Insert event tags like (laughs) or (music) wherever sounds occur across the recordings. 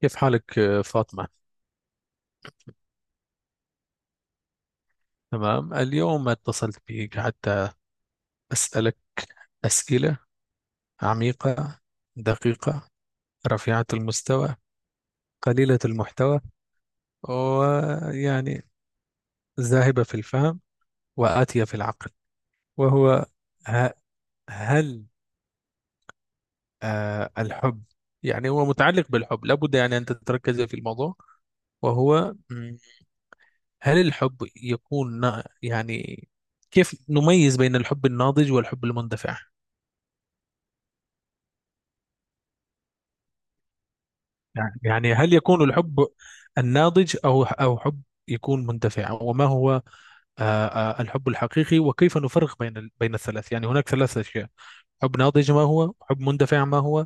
كيف حالك فاطمة؟ تمام، اليوم اتصلت بك حتى أسألك أسئلة عميقة، دقيقة، رفيعة المستوى، قليلة المحتوى، ويعني ذاهبة في الفهم وآتية في العقل. وهو ه- هل الحب يعني هو متعلق بالحب، لابد يعني أن تتركز في الموضوع. وهو هل الحب يكون يعني كيف نميز بين الحب الناضج والحب المندفع؟ يعني هل يكون الحب الناضج أو حب يكون مندفع، وما هو الحب الحقيقي، وكيف نفرق بين بين الثلاث؟ يعني هناك ثلاث أشياء: حب ناضج ما هو، حب مندفع ما هو،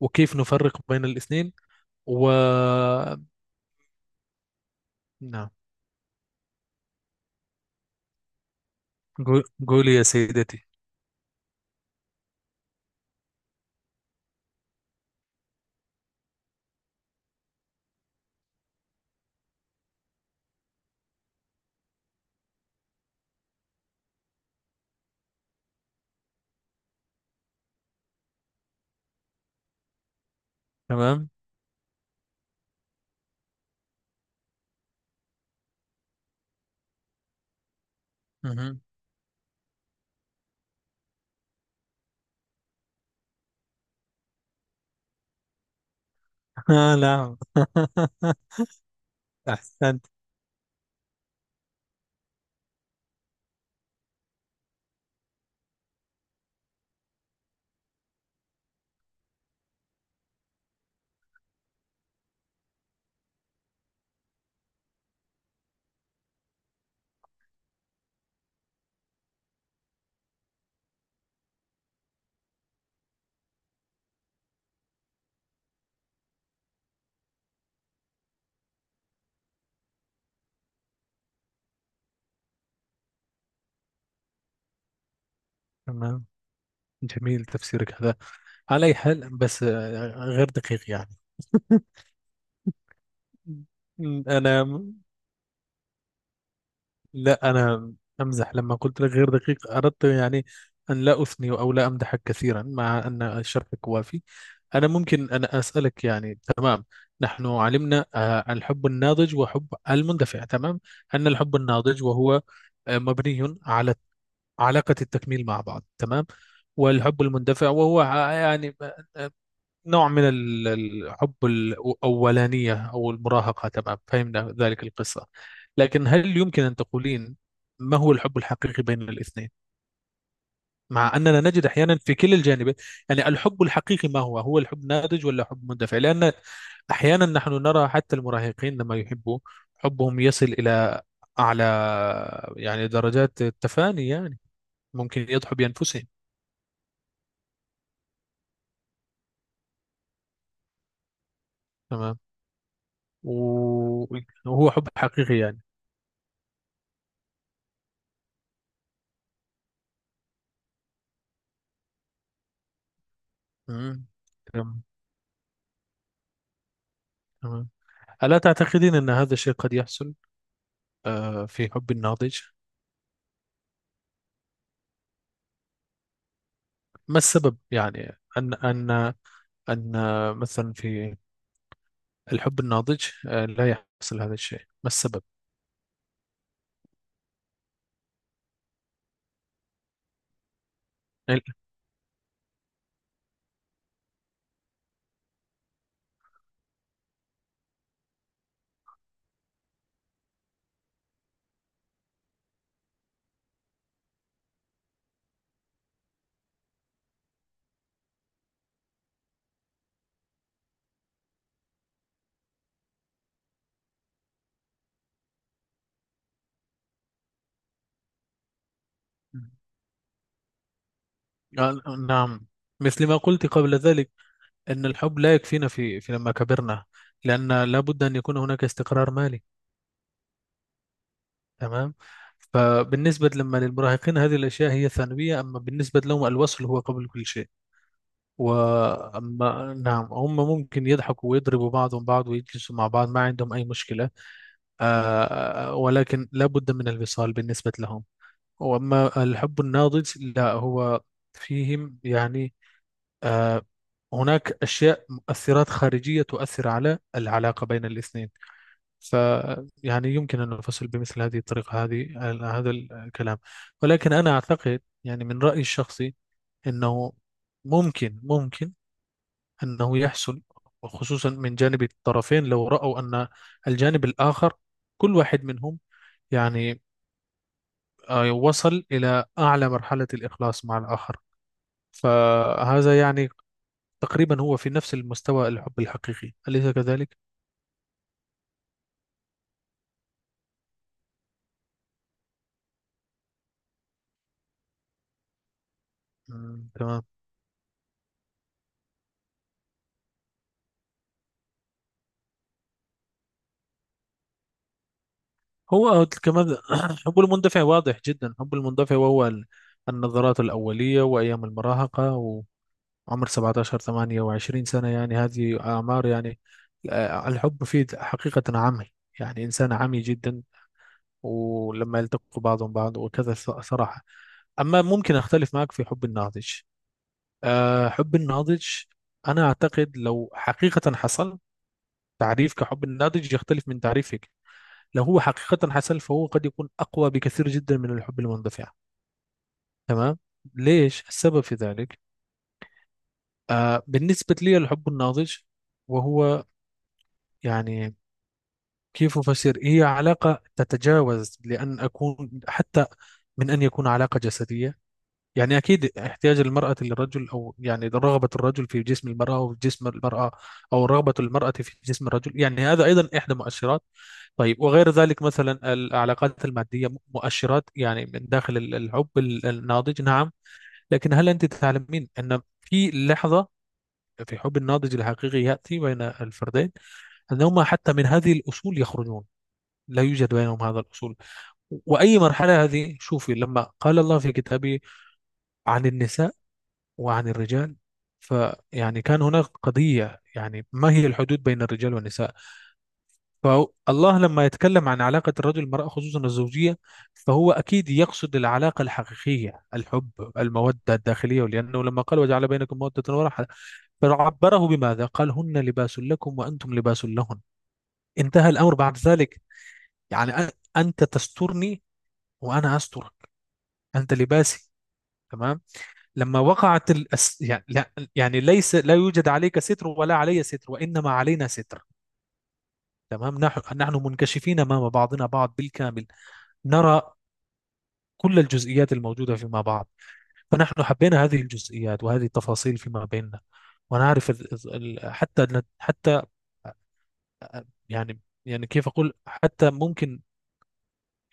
وكيف نفرق بين الاثنين و نعم. قولي يا سيدتي. تمام. مهم. آه، لا (laughs) أحسنت. تمام. جميل تفسيرك هذا، على أي حال. بس غير دقيق يعني. (laughs) أنا لا، أنا أمزح. لما قلت لك غير دقيق أردت يعني أن لا أثني أو لا أمدحك كثيرا، مع أن شرحك وافي. أنا ممكن أن أسألك، يعني تمام. نحن علمنا الحب الناضج وحب المندفع، تمام، أن الحب الناضج وهو مبني على علاقة التكميل مع بعض، تمام. والحب المندفع وهو يعني نوع من الحب الأولانية أو المراهقة، تمام، فهمنا ذلك القصة. لكن هل يمكن أن تقولين ما هو الحب الحقيقي بين الاثنين، مع أننا نجد أحيانا في كلا الجانبين؟ يعني الحب الحقيقي ما هو، هو الحب ناضج ولا حب مندفع؟ لأن أحيانا نحن نرى حتى المراهقين لما يحبوا حبهم يصل إلى أعلى يعني درجات التفاني، يعني ممكن يضحوا بأنفسهم، تمام، و- وهو حب حقيقي يعني. مم. تمام، تمام. ألا تعتقدين أن هذا الشيء قد يحصل في حب الناضج؟ ما السبب يعني، أن مثلا في الحب الناضج لا يحصل هذا الشيء، ما السبب؟ ال- آه، نعم، مثل ما قلت قبل ذلك أن الحب لا يكفينا في لما كبرنا، لأن لابد أن يكون هناك استقرار مالي، تمام؟ فبالنسبة لما للمراهقين هذه الأشياء هي ثانوية، أما بالنسبة لهم الوصل هو قبل كل شيء. وأما نعم، هم ممكن يضحكوا ويضربوا بعضهم بعض ويجلسوا مع بعض، ما عندهم أي مشكلة. ولكن لابد من الوصال بالنسبة لهم. وأما الحب الناضج، لا هو فيهم يعني آه هناك أشياء مؤثرات خارجية تؤثر على العلاقة بين الاثنين. ف يعني يمكن أن نفصل بمثل هذه الطريقة هذه، هذا الكلام. ولكن أنا أعتقد يعني من رأيي الشخصي أنه ممكن أنه يحصل، وخصوصا من جانب الطرفين لو رأوا أن الجانب الآخر، كل واحد منهم يعني وصل إلى أعلى مرحلة الإخلاص مع الآخر. فهذا يعني تقريبا هو في نفس المستوى الحب الحقيقي، أليس كذلك؟ مم، تمام. هو كمان (clears throat) حب المندفع واضح جدا. حب المندفع وهو النظرات الأولية وأيام المراهقة، عمر 17 28 سنة يعني، هذه أعمار يعني الحب فيه حقيقة عمي، يعني إنسان عمي جدا، ولما يلتقوا بعضهم بعض وكذا صراحة. أما ممكن أختلف معك في حب الناضج. حب الناضج أنا أعتقد لو حقيقة حصل، تعريف كحب الناضج يختلف من تعريفك. لو هو حقيقة حصل فهو قد يكون أقوى بكثير جدا من الحب المندفع، تمام. ليش السبب في ذلك؟ بالنسبة لي الحب الناضج وهو يعني كيف أفسر، هي علاقة تتجاوز لأن أكون حتى من أن يكون علاقة جسدية. يعني أكيد احتياج المرأة للرجل، أو يعني رغبة الرجل في جسم المرأة أو في جسم المرأة، أو رغبة المرأة في جسم الرجل، يعني هذا أيضا إحدى مؤشرات. طيب، وغير ذلك مثلا العلاقات المادية، مؤشرات يعني من داخل الحب الناضج، نعم. لكن هل أنت تعلمين أن في لحظة في حب الناضج الحقيقي يأتي بين الفردين أنهما حتى من هذه الأصول يخرجون، لا يوجد بينهم هذا الأصول. وأي مرحلة هذه؟ شوفي لما قال الله في كتابه عن النساء وعن الرجال، فيعني كان هناك قضية يعني ما هي الحدود بين الرجال والنساء. فالله لما يتكلم عن علاقة الرجل والمرأة خصوصا الزوجية، فهو أكيد يقصد العلاقة الحقيقية، الحب، المودة الداخلية. لأنه لما قال وجعل بينكم مودة ورحمة، فعبره بماذا؟ قال هن لباس لكم وأنتم لباس لهن، انتهى الأمر بعد ذلك. يعني أنت تسترني وأنا أسترك، أنت لباسي، تمام. لما وقعت يعني لا، يعني ليس، لا يوجد عليك ستر ولا علي ستر، وإنما علينا ستر، تمام. نحن منكشفين أمام بعضنا بعض بالكامل، نرى كل الجزئيات الموجودة فيما بعض. فنحن حبينا هذه الجزئيات وهذه التفاصيل فيما بيننا. ونعرف حتى يعني كيف أقول، حتى ممكن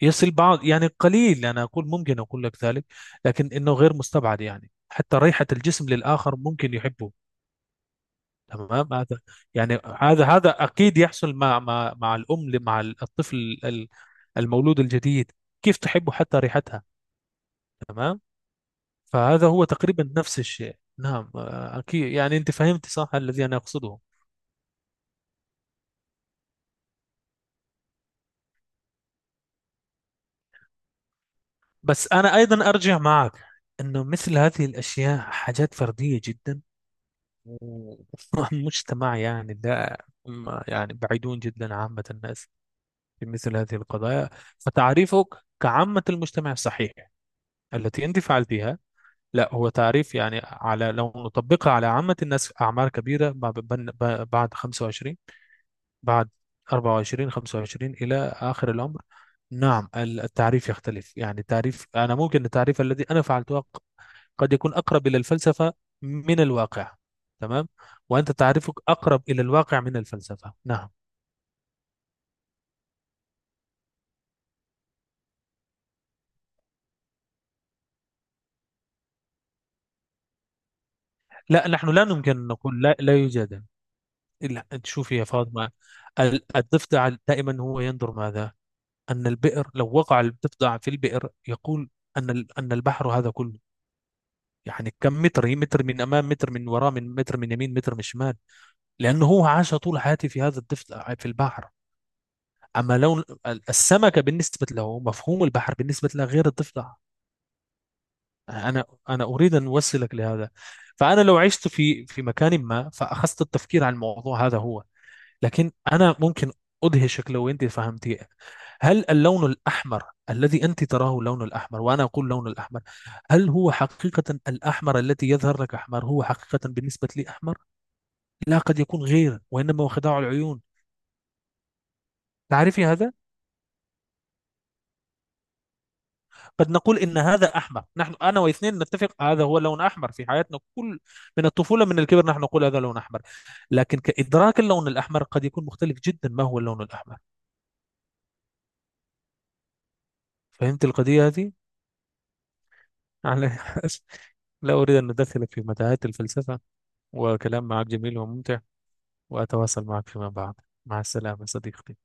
يصل بعض يعني قليل أنا أقول، ممكن أقول لك ذلك، لكن إنه غير مستبعد. يعني حتى ريحة الجسم للآخر ممكن يحبه، تمام. هذا يعني، هذا اكيد يحصل مع الام مع الطفل ال- المولود الجديد، كيف تحب حتى ريحتها، تمام. فهذا هو تقريبا نفس الشيء، نعم، اكيد يعني انت فهمت صح الذي انا اقصده. بس انا ايضا ارجع معك انه مثل هذه الاشياء حاجات فرديه جدا. والمجتمع (laughs) يعني لا، يعني بعيدون جدا عامه الناس في مثل هذه القضايا. فتعريفك كعامه المجتمع صحيح، التي انت فعلتيها. لا هو تعريف يعني، على لو نطبقها على عامة الناس، أعمار كبيرة بعد بعد 25، بعد 24 25 إلى آخر الأمر، نعم. التعريف يختلف. يعني تعريف أنا، ممكن التعريف الذي أنا فعلته قد يكون أقرب إلى الفلسفة من الواقع، تمام. وأنت تعريفك أقرب إلى الواقع من الفلسفة، نعم. لا، نحن لا يمكن أن نقول لا، لا يوجد، إلا أن تشوفي يا فاطمة. الضفدع دائما هو ينظر ماذا، أن البئر، لو وقع الضفدع في البئر يقول أن أن البحر هذا كله يعني كم متر، هي متر من أمام، متر من وراء، من متر من يمين، متر من شمال، لأنه هو عاش طول حياته في هذا الضفدع في البحر. أما لون السمكة بالنسبة له، مفهوم البحر بالنسبة له غير الضفدع. أنا أريد أن أوصلك لهذا. فأنا لو عشت في مكان ما فأخذت التفكير عن الموضوع، هذا هو. لكن أنا ممكن أدهشك لو أنت فهمتي. هل اللون الأحمر الذي أنت تراه اللون الأحمر، وأنا أقول لون الأحمر، هل هو حقيقة الأحمر الذي يظهر لك أحمر هو حقيقة بالنسبة لي أحمر؟ لا، قد يكون غير، وإنما هو خداع العيون. تعرفي هذا؟ قد نقول إن هذا أحمر، نحن أنا واثنين نتفق هذا هو لون أحمر في حياتنا، كل من الطفولة من الكبر نحن نقول هذا لون أحمر. لكن كإدراك اللون الأحمر قد يكون مختلف جدا، ما هو اللون الأحمر؟ فهمت القضية هذه؟ على (laughs) لا أريد أن أدخل في متاهات الفلسفة. وكلام معك جميل وممتع، وأتواصل معك فيما بعد. مع السلامة صديقتي.